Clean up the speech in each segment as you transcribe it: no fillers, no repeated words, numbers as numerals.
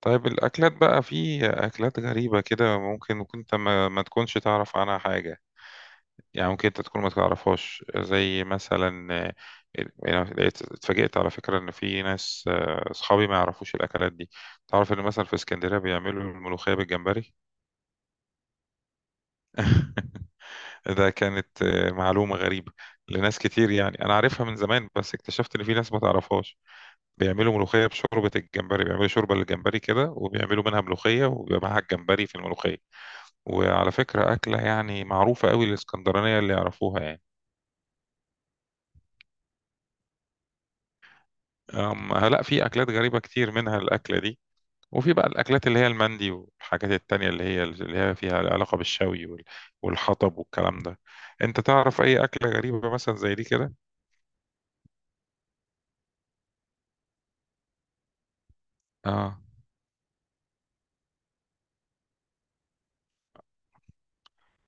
طيب الأكلات بقى في أكلات غريبة كده ممكن كنت ما تكونش تعرف عنها حاجة. يعني ممكن أنت تكون ما تعرفهاش زي مثلا يعني لقيت اتفاجئت على فكرة إن في ناس أصحابي ما يعرفوش الأكلات دي. تعرف إن مثلا في اسكندرية بيعملوا الملوخية بالجمبري. ده كانت معلومة غريبة لناس كتير، يعني أنا عارفها من زمان بس اكتشفت إن في ناس ما تعرفهاش. بيعملوا ملوخية بشوربة الجمبري، بيعملوا شوربة للجمبري كده وبيعملوا منها ملوخية وبيبقى معاها الجمبري في الملوخية. وعلى فكرة أكلة يعني معروفة قوي، الإسكندرانية اللي يعرفوها يعني. لا، في أكلات غريبة كتير منها الأكلة دي. وفي بقى الأكلات اللي هي المندي والحاجات التانية اللي هي فيها علاقة بالشوي والحطب والكلام ده. أنت تعرف أي أكلة غريبة مثلا زي دي كده؟ آه.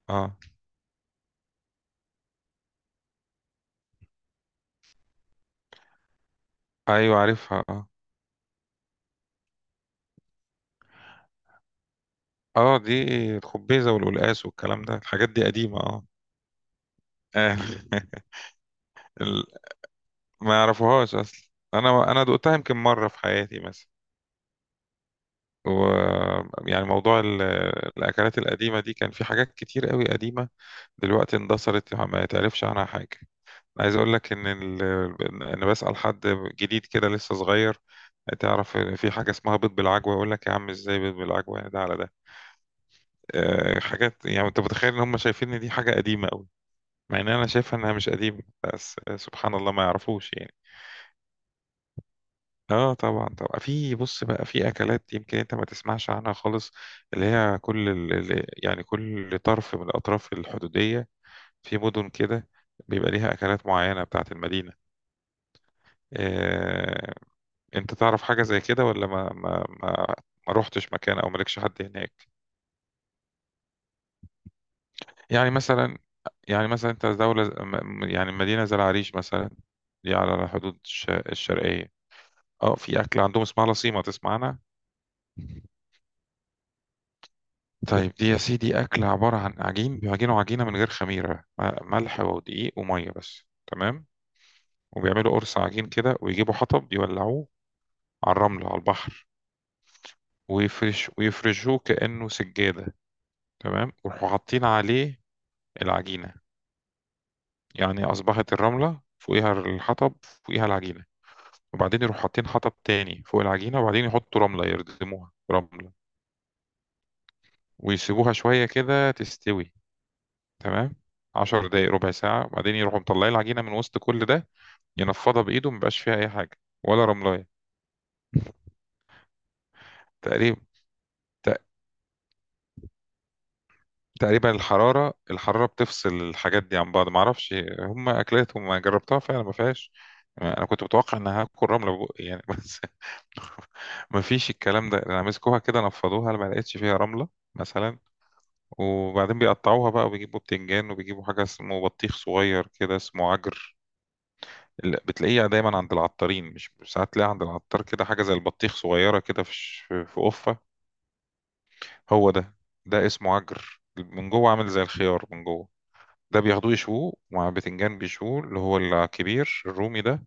آه. أيوة عارفها، آه. آه دي الخبيزة والقلقاس والكلام ده، الحاجات دي قديمة آه. آه. ال- ما يعرفوهاش أصلا. أنا دقتها يمكن مرة في حياتي مثلا. ويعني موضوع الأكلات القديمة دي، كان في حاجات كتير قوي قديمة دلوقتي اندثرت، يعني ما يتعرفش عنها حاجة. أنا عايز أقول لك إن أنا بسأل حد جديد كده لسه صغير، تعرف في حاجة اسمها بيض بالعجوة، يقول لك يا عم إزاي بيض بالعجوة، يعني ده على ده. أه، حاجات يعني أنت متخيل إن هم شايفين إن دي حاجة قديمة قوي، مع إن أنا شايفها إنها مش قديمة، بس سبحان الله ما يعرفوش يعني. اه، طبعا طبعا. في بص بقى في اكلات يمكن انت ما تسمعش عنها خالص، اللي هي كل يعني كل طرف من الاطراف الحدوديه، في مدن كده بيبقى ليها اكلات معينه بتاعه المدينه. آه... انت تعرف حاجه زي كده ولا ما روحتش مكان او مالكش حد هناك؟ يعني مثلا، يعني مثلا انت يعني مدينه زي العريش مثلا، دي على حدود الشرقيه. اه، في اكل عندهم اسمها لصيمه، تسمع عنها؟ طيب دي يا سيدي أكلة عبارة عن عجين، بيعجنوا عجينة من غير خميرة، ملح ودقيق ومية بس، تمام. وبيعملوا قرص عجين كده ويجيبوا حطب يولعوه على الرمل على البحر، ويفرش ويفرشوه كأنه سجادة، تمام، ويروحوا حاطين عليه العجينة. يعني أصبحت الرملة فوقيها الحطب فوقيها العجينة، وبعدين يروحوا حاطين حطب تاني فوق العجينة، وبعدين يحطوا رملة يردموها رملة ويسيبوها شوية كده تستوي، تمام. عشر دقايق ربع ساعة، وبعدين يروحوا مطلعين العجينة من وسط كل ده، ينفضها بايده مبقاش فيها اي حاجه ولا رملايه تقريبا. تق- تقريبا الحراره بتفصل الحاجات دي عن بعض، معرفش. هم اكلاتهم ما جربتها فعلا، ما فيهاش. انا كنت متوقع ان هاكل رمله بقى يعني، بس ما فيش الكلام ده، انا مسكوها كده نفضوها ما لقيتش فيها رمله مثلا. وبعدين بيقطعوها بقى وبيجيبوا بتنجان، وبيجيبوا حاجه اسمه بطيخ صغير كده اسمه عجر. بتلاقيه دايما عند العطارين، مش ساعات تلاقيها عند العطار كده، حاجه زي البطيخ صغيره كده في في قفه. هو ده. ده اسمه عجر، من جوه عامل زي الخيار من جوه. ده بياخدوه يشووه مع بتنجان بيشووه، اللي هو الكبير الرومي ده.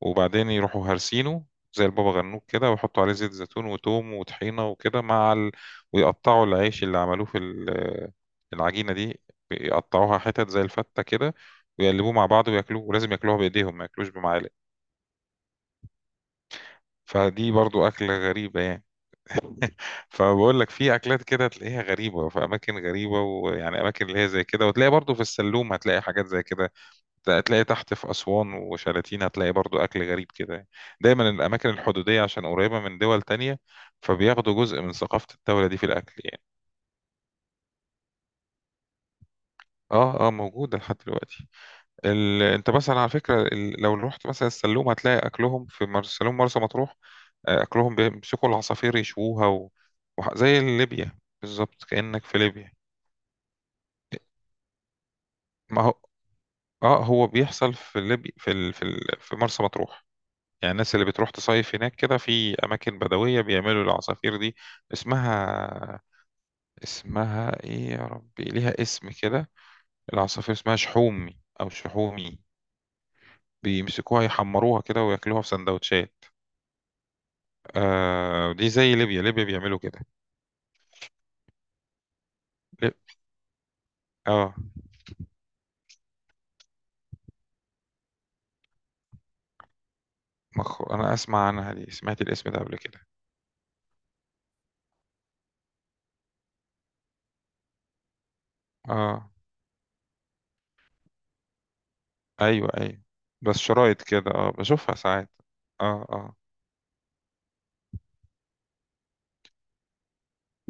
وبعدين يروحوا هرسينه زي البابا غنوج كده، ويحطوا عليه زيت زيتون وتوم وطحينة وكده مع ويقطعوا العيش اللي عملوه في العجينة دي، يقطعوها حتت زي الفتة كده، ويقلبوه مع بعض وياكلوه، ولازم ياكلوها بإيديهم ما ياكلوش بمعالق. فدي برضو أكلة غريبة يعني. فبقول لك في اكلات كده تلاقيها غريبه في اماكن غريبه، ويعني اماكن اللي هي زي كده، وتلاقي برضو في السلوم هتلاقي حاجات زي كده. هتلاقي تحت في اسوان وشلاتين هتلاقي برضو اكل غريب كده يعني. دايما الاماكن الحدوديه عشان قريبه من دول تانية، فبياخدوا جزء من ثقافه الدوله دي في الاكل يعني. اه اه، موجوده لحد دلوقتي. انت مثلا على فكره، لو رحت مثلا السلوم هتلاقي اكلهم في سلوم مرسى مطروح. اكلهم بيمسكوا العصافير يشووها و... زي ليبيا بالظبط، كانك في ليبيا. ما اه هو بيحصل في ليبي في في مرسى مطروح، يعني الناس اللي بتروح تصيف هناك كده في اماكن بدويه بيعملوا العصافير دي. اسمها، اسمها ايه يا ربي، ليها اسم كده. العصافير اسمها شحومي او شحومي، بيمسكوها يحمروها كده وياكلوها في سندوتشات. آه دي زي ليبيا، ليبيا بيعملوا كده. ليب... اه. انا اسمع عنها دي، سمعت الاسم ده قبل كده. اه، ايوه ايوه. بس شرايط كده، اه بشوفها ساعات. اه اه.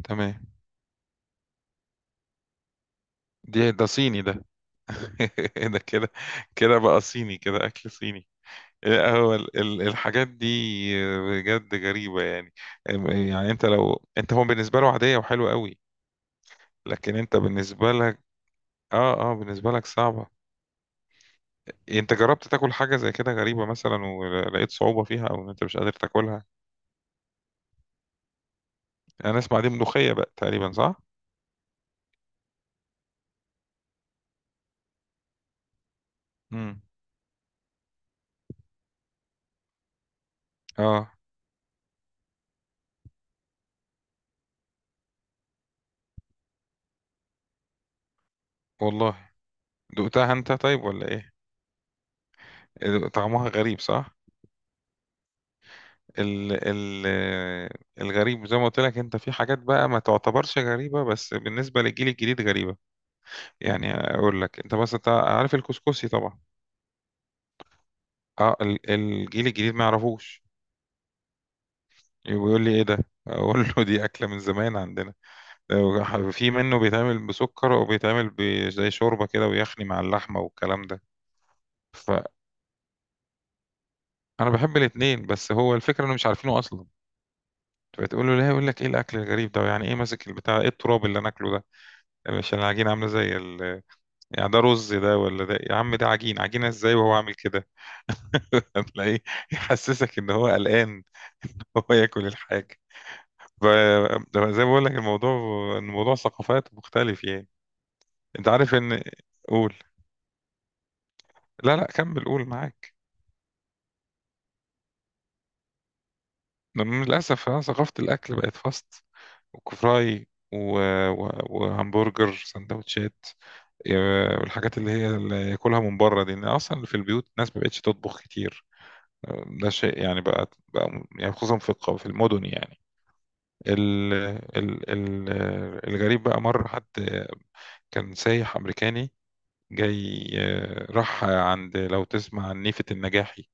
تمام. دي ده صيني ده. ده كده، كده بقى صيني، كده أكل صيني. إيه هو الحاجات دي بجد غريبة يعني. يعني انت لو، انت هو بالنسبة له عادية وحلوة قوي، لكن انت بالنسبة لك، اه اه بالنسبة لك صعبة. انت جربت تاكل حاجة زي كده غريبة مثلا، ولقيت صعوبة فيها او ان انت مش قادر تاكلها؟ انا اسمع دي ملوخية بقى تقريبا، صح؟ امم. اه. والله؟ دقتها انت طيب ولا ايه؟ إيه، طعمها غريب صح؟ ال الغريب زي ما قلت لك انت، في حاجات بقى ما تعتبرش غريبة بس بالنسبة للجيل الجديد غريبة. يعني اقول لك انت بس، انت عارف الكسكسي طبعا. اه، الجيل الجديد ما يعرفوش، يقول لي ايه ده، اقول له دي اكلة من زمان عندنا. في منه بيتعمل بسكر وبيتعمل زي شوربة كده ويخني مع اللحمة والكلام ده. فانا بحب الاتنين، بس هو الفكرة انه مش عارفينه اصلا. فتقول له، لا يقول لك ايه الاكل الغريب ده، يعني ايه ماسك البتاع، ايه التراب اللي انا اكله ده، مش العجينة عاملة زي ال، يعني ده رز ده ولا ده، يا عم ده عجين، عجينة ازاي وهو عامل كده؟ تلاقيه يحسسك ان هو قلقان ان هو ياكل الحاجة. ف- زي ما بقول لك الموضوع، الموضوع ثقافات مختلف يعني. انت عارف ان، قول. لا لا، كمل قول معاك. من للاسف أنا ثقافة الاكل بقت فاست، وكفراي و... و... وهمبرجر سندوتشات، والحاجات اللي هي اللي ياكلها من بره دي، ان اصلا في البيوت الناس ما بقتش تطبخ كتير. ده شيء يعني بقى بقى يعني، خصوصا في في المدن يعني. ال ال الغريب بقى، مرة حد كان سايح أمريكاني جاي راح عند، لو تسمع عن نيفة النجاحي.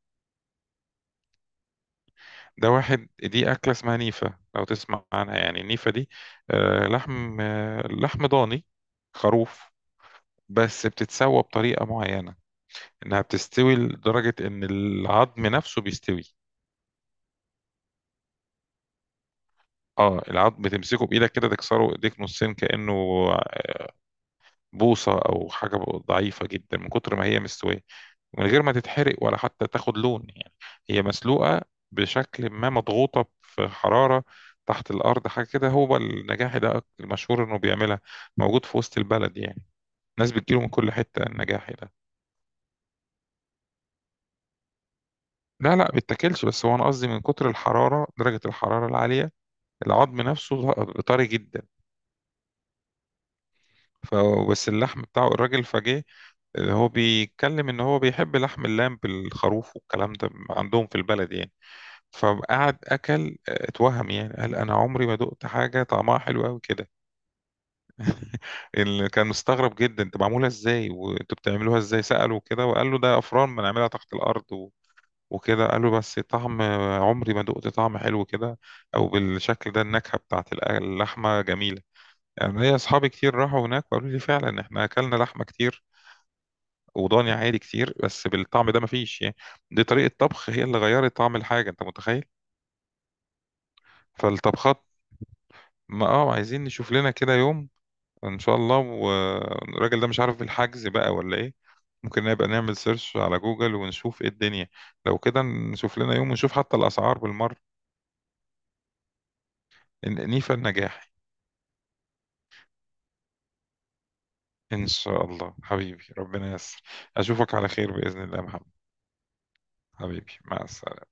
ده واحد، دي أكلة اسمها نيفة لو تسمع عنها، يعني النيفة دي لحم، لحم ضاني خروف، بس بتتسوى بطريقة معينة إنها بتستوي لدرجة إن العظم نفسه بيستوي. اه العظم بتمسكه بايدك كده تكسره ايديك نصين، كانه بوصة أو حاجة ضعيفة جدا من كتر ما هي مستوية، من غير ما تتحرق ولا حتى تاخد لون يعني. هي مسلوقة بشكل ما، مضغوطة في حرارة تحت الأرض حاجة كده. هو النجاحي ده المشهور إنه بيعملها، موجود في وسط البلد يعني، الناس بتجيله من كل حتة، النجاحي ده. لا لا بيتاكلش، بس هو أنا قصدي من كتر الحرارة، درجة الحرارة العالية، العظم نفسه طري جدا. فبس اللحم بتاعه، الراجل فجاه اللي هو بيتكلم ان هو بيحب لحم اللام بالخروف والكلام ده عندهم في البلد يعني، فقعد اكل اتوهم يعني، قال انا عمري ما دقت حاجه طعمها حلو قوي كده. اللي كان مستغرب جدا انت معموله ازاي وانتوا بتعملوها ازاي ساله كده، وقال له ده افران بنعملها تحت الارض و... وكده، قال له بس طعم عمري ما دقت طعم حلو كده او بالشكل ده، النكهه بتاعت اللحمه جميله يعني. ليا اصحابي كتير راحوا هناك وقالوا لي فعلا احنا اكلنا لحمه كتير وضاني عادي كتير بس بالطعم ده مفيش يعني. دي طريقة طبخ هي اللي غيرت طعم الحاجة، انت متخيل. فالطبخات، ما اه عايزين نشوف لنا كده يوم، ان شاء الله. والراجل ده مش عارف الحجز بقى ولا ايه، ممكن نبقى نعمل سيرش على جوجل ونشوف ايه الدنيا. لو كده نشوف لنا يوم، ونشوف حتى الاسعار بالمرة. نيفا النجاحي. ان شاء الله حبيبي، ربنا ييسر. اشوفك على خير باذن الله يا محمد. حبيبي، مع السلامة.